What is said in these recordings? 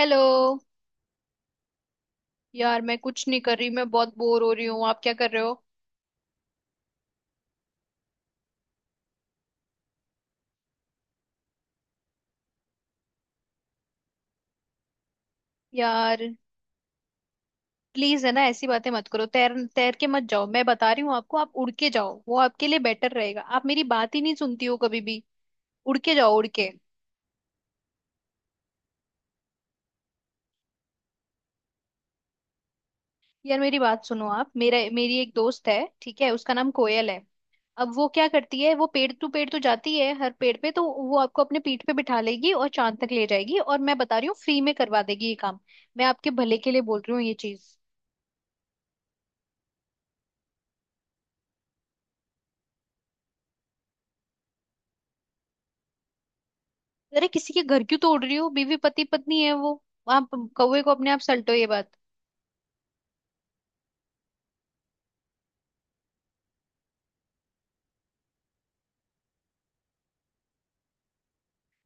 Hello. यार, मैं कुछ नहीं कर रही, मैं बहुत बोर हो रही हूँ। आप क्या कर रहे हो? यार प्लीज, है ना, ऐसी बातें मत करो। तैर तैर के मत जाओ, मैं बता रही हूँ आपको, आप उड़ के जाओ, वो आपके लिए बेटर रहेगा। आप मेरी बात ही नहीं सुनती हो कभी भी। उड़ के जाओ, उड़ के। यार मेरी बात सुनो। आप मेरा मेरी एक दोस्त है, ठीक है, उसका नाम कोयल है। अब वो क्या करती है, वो पेड़ टू पेड़ तो जाती है, हर पेड़ पे, तो वो आपको अपने पीठ पे बिठा लेगी और चांद तक ले जाएगी, और मैं बता रही हूँ फ्री में करवा देगी ये काम। मैं आपके भले के लिए बोल रही हूँ ये चीज। अरे, किसी के घर क्यों तोड़ रही हो, बीवी, पति पत्नी है वो। आप कौवे को अपने आप सल्टो ये बात।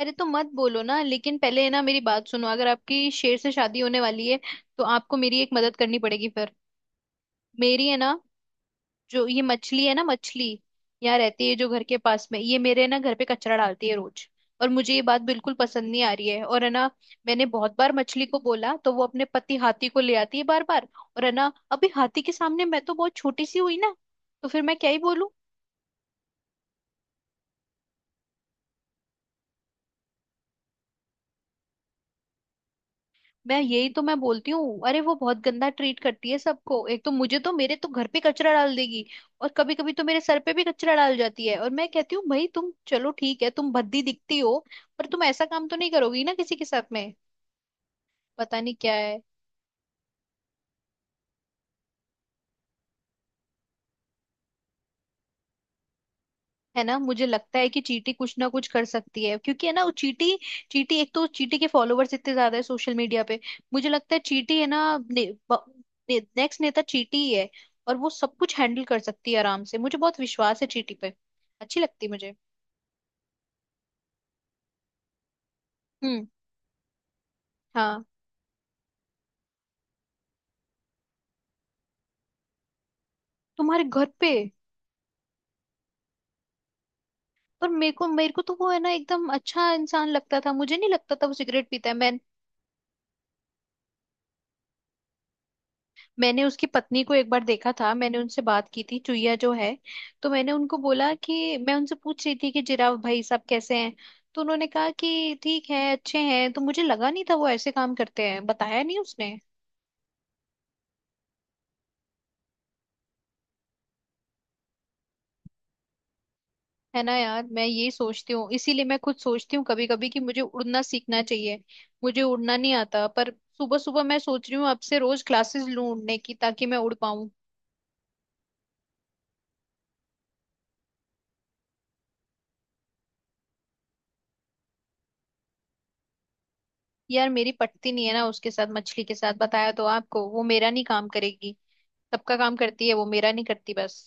अरे तो मत बोलो ना, लेकिन पहले, है ना, मेरी बात सुनो। अगर आपकी शेर से शादी होने वाली है, तो आपको मेरी एक मदद करनी पड़ेगी फिर, मेरी, है ना। जो ये मछली है ना, मछली, यहाँ रहती है जो घर के पास में, ये मेरे ना घर पे कचरा डालती है रोज, और मुझे ये बात बिल्कुल पसंद नहीं आ रही है। और है ना, मैंने बहुत बार मछली को बोला तो वो अपने पति हाथी को ले आती है बार बार। और है ना, अभी हाथी के सामने मैं तो बहुत छोटी सी हुई ना, तो फिर मैं क्या ही बोलूं। मैं यही तो मैं बोलती हूँ, अरे वो बहुत गंदा ट्रीट करती है सबको। एक तो मुझे तो मेरे तो घर पे कचरा डाल देगी, और कभी कभी तो मेरे सर पे भी कचरा डाल जाती है। और मैं कहती हूँ, भाई तुम चलो ठीक है, तुम भद्दी दिखती हो, पर तुम ऐसा काम तो नहीं करोगी ना किसी के साथ में। पता नहीं क्या। है ना, मुझे लगता है कि चींटी कुछ ना कुछ कर सकती है, क्योंकि है ना वो चींटी, चींटी, एक तो चींटी के फॉलोवर्स इतने ज्यादा है सोशल मीडिया पे। मुझे लगता है चींटी है ना, नेक्स्ट नेता चींटी ही है, और वो सब कुछ हैंडल कर सकती है आराम से। मुझे बहुत विश्वास है चींटी पे, अच्छी लगती है मुझे। हम्म। हाँ। तुम्हारे घर पे? पर मेरे को तो वो है ना एकदम अच्छा इंसान लगता था, मुझे नहीं लगता था वो सिगरेट पीता है। मैंने उसकी पत्नी को एक बार देखा था, मैंने उनसे बात की थी, चुईया जो है, तो मैंने उनको बोला कि मैं उनसे पूछ रही थी कि जिराफ भाई साहब कैसे हैं। तो उन्होंने कहा कि ठीक है अच्छे हैं, तो मुझे लगा नहीं था वो ऐसे काम करते हैं, बताया नहीं उसने। है ना यार, मैं यही सोचती हूँ, इसीलिए मैं खुद सोचती हूँ कभी कभी कि मुझे उड़ना सीखना चाहिए। मुझे उड़ना नहीं आता, पर सुबह सुबह मैं सोच रही हूँ अब से रोज क्लासेस लूँ उड़ने की, ताकि मैं उड़ पाऊँ। यार मेरी पटती नहीं है ना उसके साथ, मछली के साथ, बताया तो आपको, वो मेरा नहीं काम करेगी। सबका काम करती है वो, मेरा नहीं करती बस,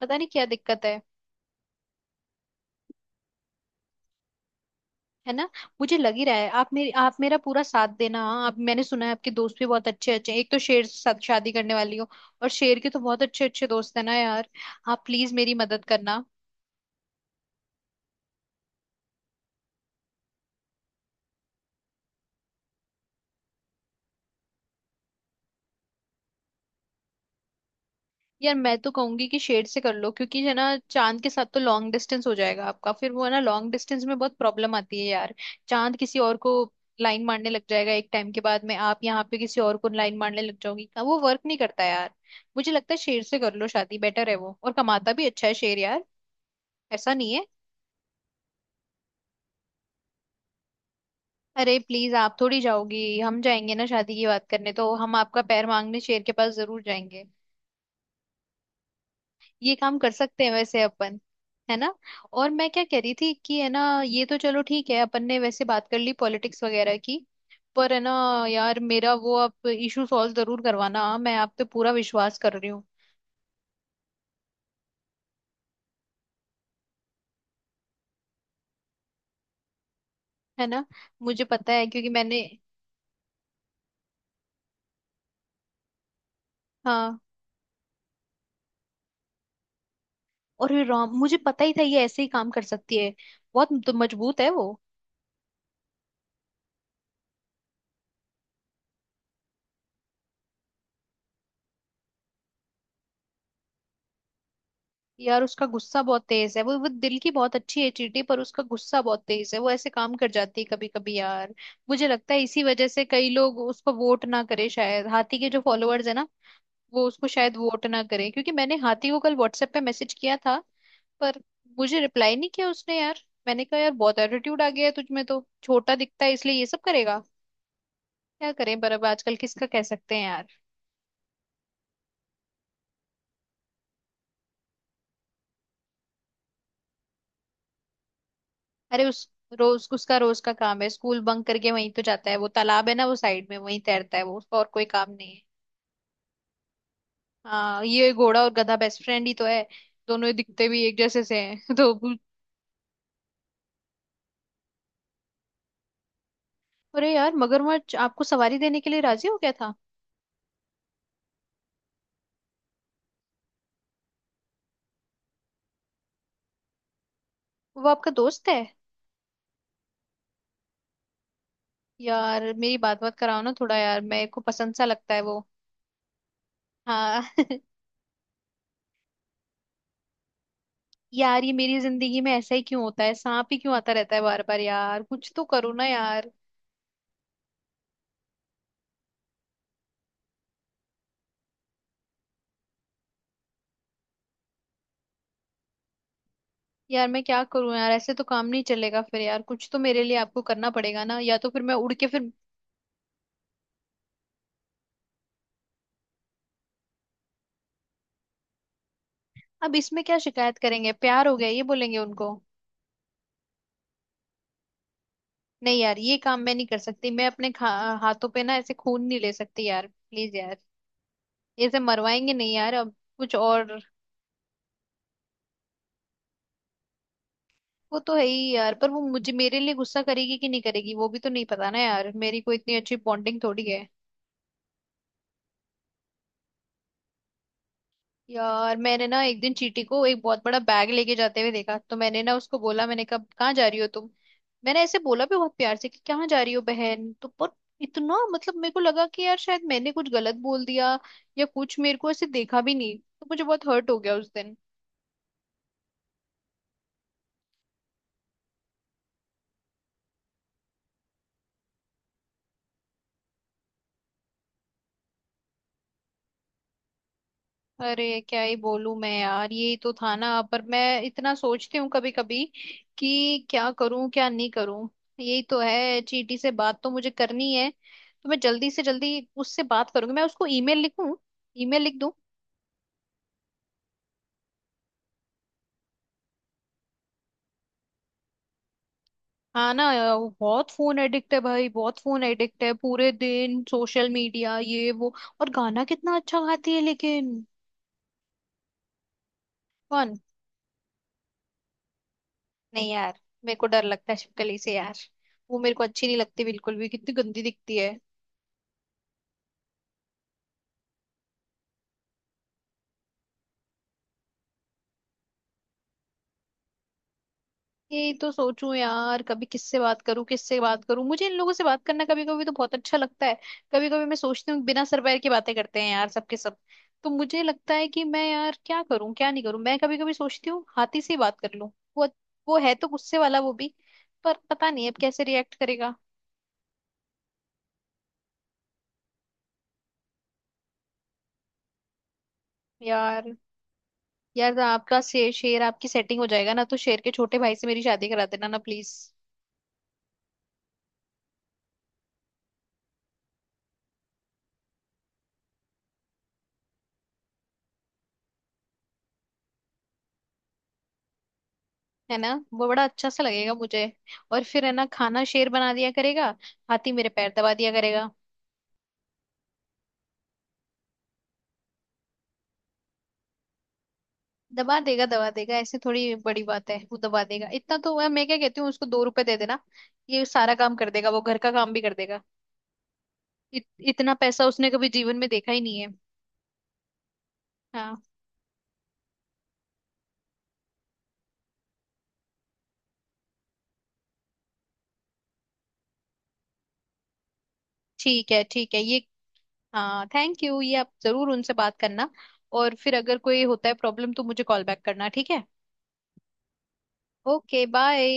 पता नहीं क्या दिक्कत है। है ना, मुझे लग ही रहा है आप मेरा पूरा साथ देना, हाँ। आप, मैंने सुना है आपके दोस्त भी बहुत अच्छे अच्छे हैं, एक तो शेर से शादी करने वाली हो, और शेर के तो बहुत अच्छे अच्छे दोस्त है ना यार। आप प्लीज मेरी मदद करना। यार मैं तो कहूंगी कि शेड से कर लो, क्योंकि है ना चांद के साथ तो लॉन्ग डिस्टेंस हो जाएगा आपका, फिर वो है ना लॉन्ग डिस्टेंस में बहुत प्रॉब्लम आती है यार। चांद किसी और को लाइन मारने लग जाएगा एक टाइम के बाद में, आप यहाँ पे किसी और को लाइन मारने लग जाओगी, वो वर्क नहीं करता यार। मुझे लगता है शेर से कर लो शादी, बेटर है वो, और कमाता भी अच्छा है शेर यार, ऐसा नहीं है। अरे प्लीज, आप थोड़ी जाओगी, हम जाएंगे ना शादी की बात करने, तो हम आपका पैर मांगने शेर के पास जरूर जाएंगे। ये काम कर सकते हैं वैसे अपन, है ना। और मैं क्या कह रही थी कि, है ना, ये तो चलो ठीक है, अपन ने वैसे बात कर ली पॉलिटिक्स वगैरह की, पर है ना यार, मेरा वो आप इशू सॉल्व जरूर करवाना, मैं आप पे पूरा विश्वास कर रही हूँ। है ना, मुझे पता है, क्योंकि मैंने, हाँ, और ये राम, मुझे पता ही था ये ऐसे ही काम कर सकती है, बहुत तो मजबूत है वो। यार उसका गुस्सा बहुत तेज है, वो दिल की बहुत अच्छी है चींटी, पर उसका गुस्सा बहुत तेज है, वो ऐसे काम कर जाती है कभी कभी यार। मुझे लगता है इसी वजह से कई लोग उसको वोट ना करे शायद, हाथी के जो फॉलोअर्स है ना, वो उसको शायद वोट ना करे, क्योंकि मैंने हाथी को कल व्हाट्सएप पे मैसेज किया था, पर मुझे रिप्लाई नहीं किया उसने यार। मैंने कहा यार बहुत एटीट्यूड आ गया है तुझमें, तो छोटा दिखता है इसलिए ये सब करेगा, क्या करें, पर अब आजकल किसका कह सकते हैं यार। अरे उस रोज, उसका रोज का काम है स्कूल बंक करके वहीं तो जाता है, वो तालाब है ना वो साइड में, वहीं तैरता है वो, उसका और कोई काम नहीं है। हाँ, ये घोड़ा और गधा बेस्ट फ्रेंड ही तो है, दोनों ही दिखते भी एक जैसे से हैं तो। अरे यार, मगरमच्छ आपको सवारी देने के लिए राजी हो गया था? वो आपका दोस्त है? यार मेरी बात बात कराओ ना थोड़ा यार, मेरे को पसंद सा लगता है वो। हाँ। यार ये मेरी जिंदगी में ऐसा ही क्यों होता है, सांप ही क्यों आता रहता है बार बार यार, कुछ तो करो ना यार। यार मैं क्या करूं यार, ऐसे तो काम नहीं चलेगा फिर यार, कुछ तो मेरे लिए आपको करना पड़ेगा ना, या तो फिर मैं उड़ के फिर। अब इसमें क्या शिकायत करेंगे, प्यार हो गया ये बोलेंगे उनको। नहीं यार, ये काम मैं नहीं कर सकती, मैं अपने हाथों पे ना ऐसे खून नहीं ले सकती यार प्लीज यार, ऐसे मरवाएंगे नहीं यार, अब कुछ और। वो तो है ही यार, पर वो मुझे मेरे लिए गुस्सा करेगी कि नहीं करेगी वो भी तो नहीं पता ना यार, मेरी कोई इतनी अच्छी बॉन्डिंग थोड़ी है। यार मैंने ना एक दिन चीटी को एक बहुत बड़ा बैग लेके जाते हुए देखा, तो मैंने ना उसको बोला, मैंने कहा कहाँ जा रही हो तुम। मैंने ऐसे बोला भी बहुत प्यार से कि कहाँ जा रही हो बहन, तो पर इतना, मतलब मेरे को लगा कि यार शायद मैंने कुछ गलत बोल दिया, या कुछ, मेरे को ऐसे देखा भी नहीं, तो मुझे बहुत हर्ट हो गया उस दिन। अरे क्या ही बोलूं मैं यार, यही तो था ना, पर मैं इतना सोचती हूँ कभी कभी कि क्या करूं क्या नहीं करूं। यही तो है, चीटी से बात तो मुझे करनी है, तो मैं जल्दी से जल्दी उससे बात करूंगी, मैं उसको ईमेल लिखूं, ईमेल लिख दूं। हाँ ना। वो बहुत फोन एडिक्ट है भाई, बहुत फोन एडिक्ट है, पूरे दिन सोशल मीडिया ये वो, और गाना कितना अच्छा गाती है लेकिन। कौन? नहीं यार, मेरे को डर लगता है छिपकली से यार, वो मेरे को अच्छी नहीं लगती बिल्कुल भी, कितनी गंदी दिखती है। यही तो सोचूं यार, कभी किससे बात करूं किससे बात करूं, मुझे इन लोगों से बात करना कभी कभी तो बहुत अच्छा लगता है, कभी कभी मैं सोचती हूँ बिना सर पैर की बातें करते हैं यार सबके सब। तो मुझे लगता है कि मैं, यार क्या करूं क्या नहीं करूं, मैं कभी कभी सोचती हूँ हाथी से ही बात कर लूं, वो वो है तो गुस्से वाला वो भी, पर पता नहीं अब कैसे रिएक्ट करेगा। यार, यार आपका शेर, आपकी सेटिंग हो जाएगा ना तो शेर के छोटे भाई से मेरी शादी करा देना ना प्लीज। है ना वो बड़ा अच्छा सा लगेगा मुझे, और फिर है ना खाना शेर बना दिया करेगा, हाथी मेरे पैर दबा दिया करेगा। दबा देगा दबा देगा, ऐसे थोड़ी बड़ी बात है, वो दबा देगा, इतना तो हुआ, मैं क्या कहती हूँ उसको 2 रुपए दे देना, ये सारा काम कर देगा, वो घर का काम भी कर देगा, इतना पैसा उसने कभी जीवन में देखा ही नहीं है। हाँ, ठीक है ये। हाँ थैंक यू, ये आप जरूर उनसे बात करना, और फिर अगर कोई होता है प्रॉब्लम, तो मुझे कॉल बैक करना, ठीक है। Okay bye.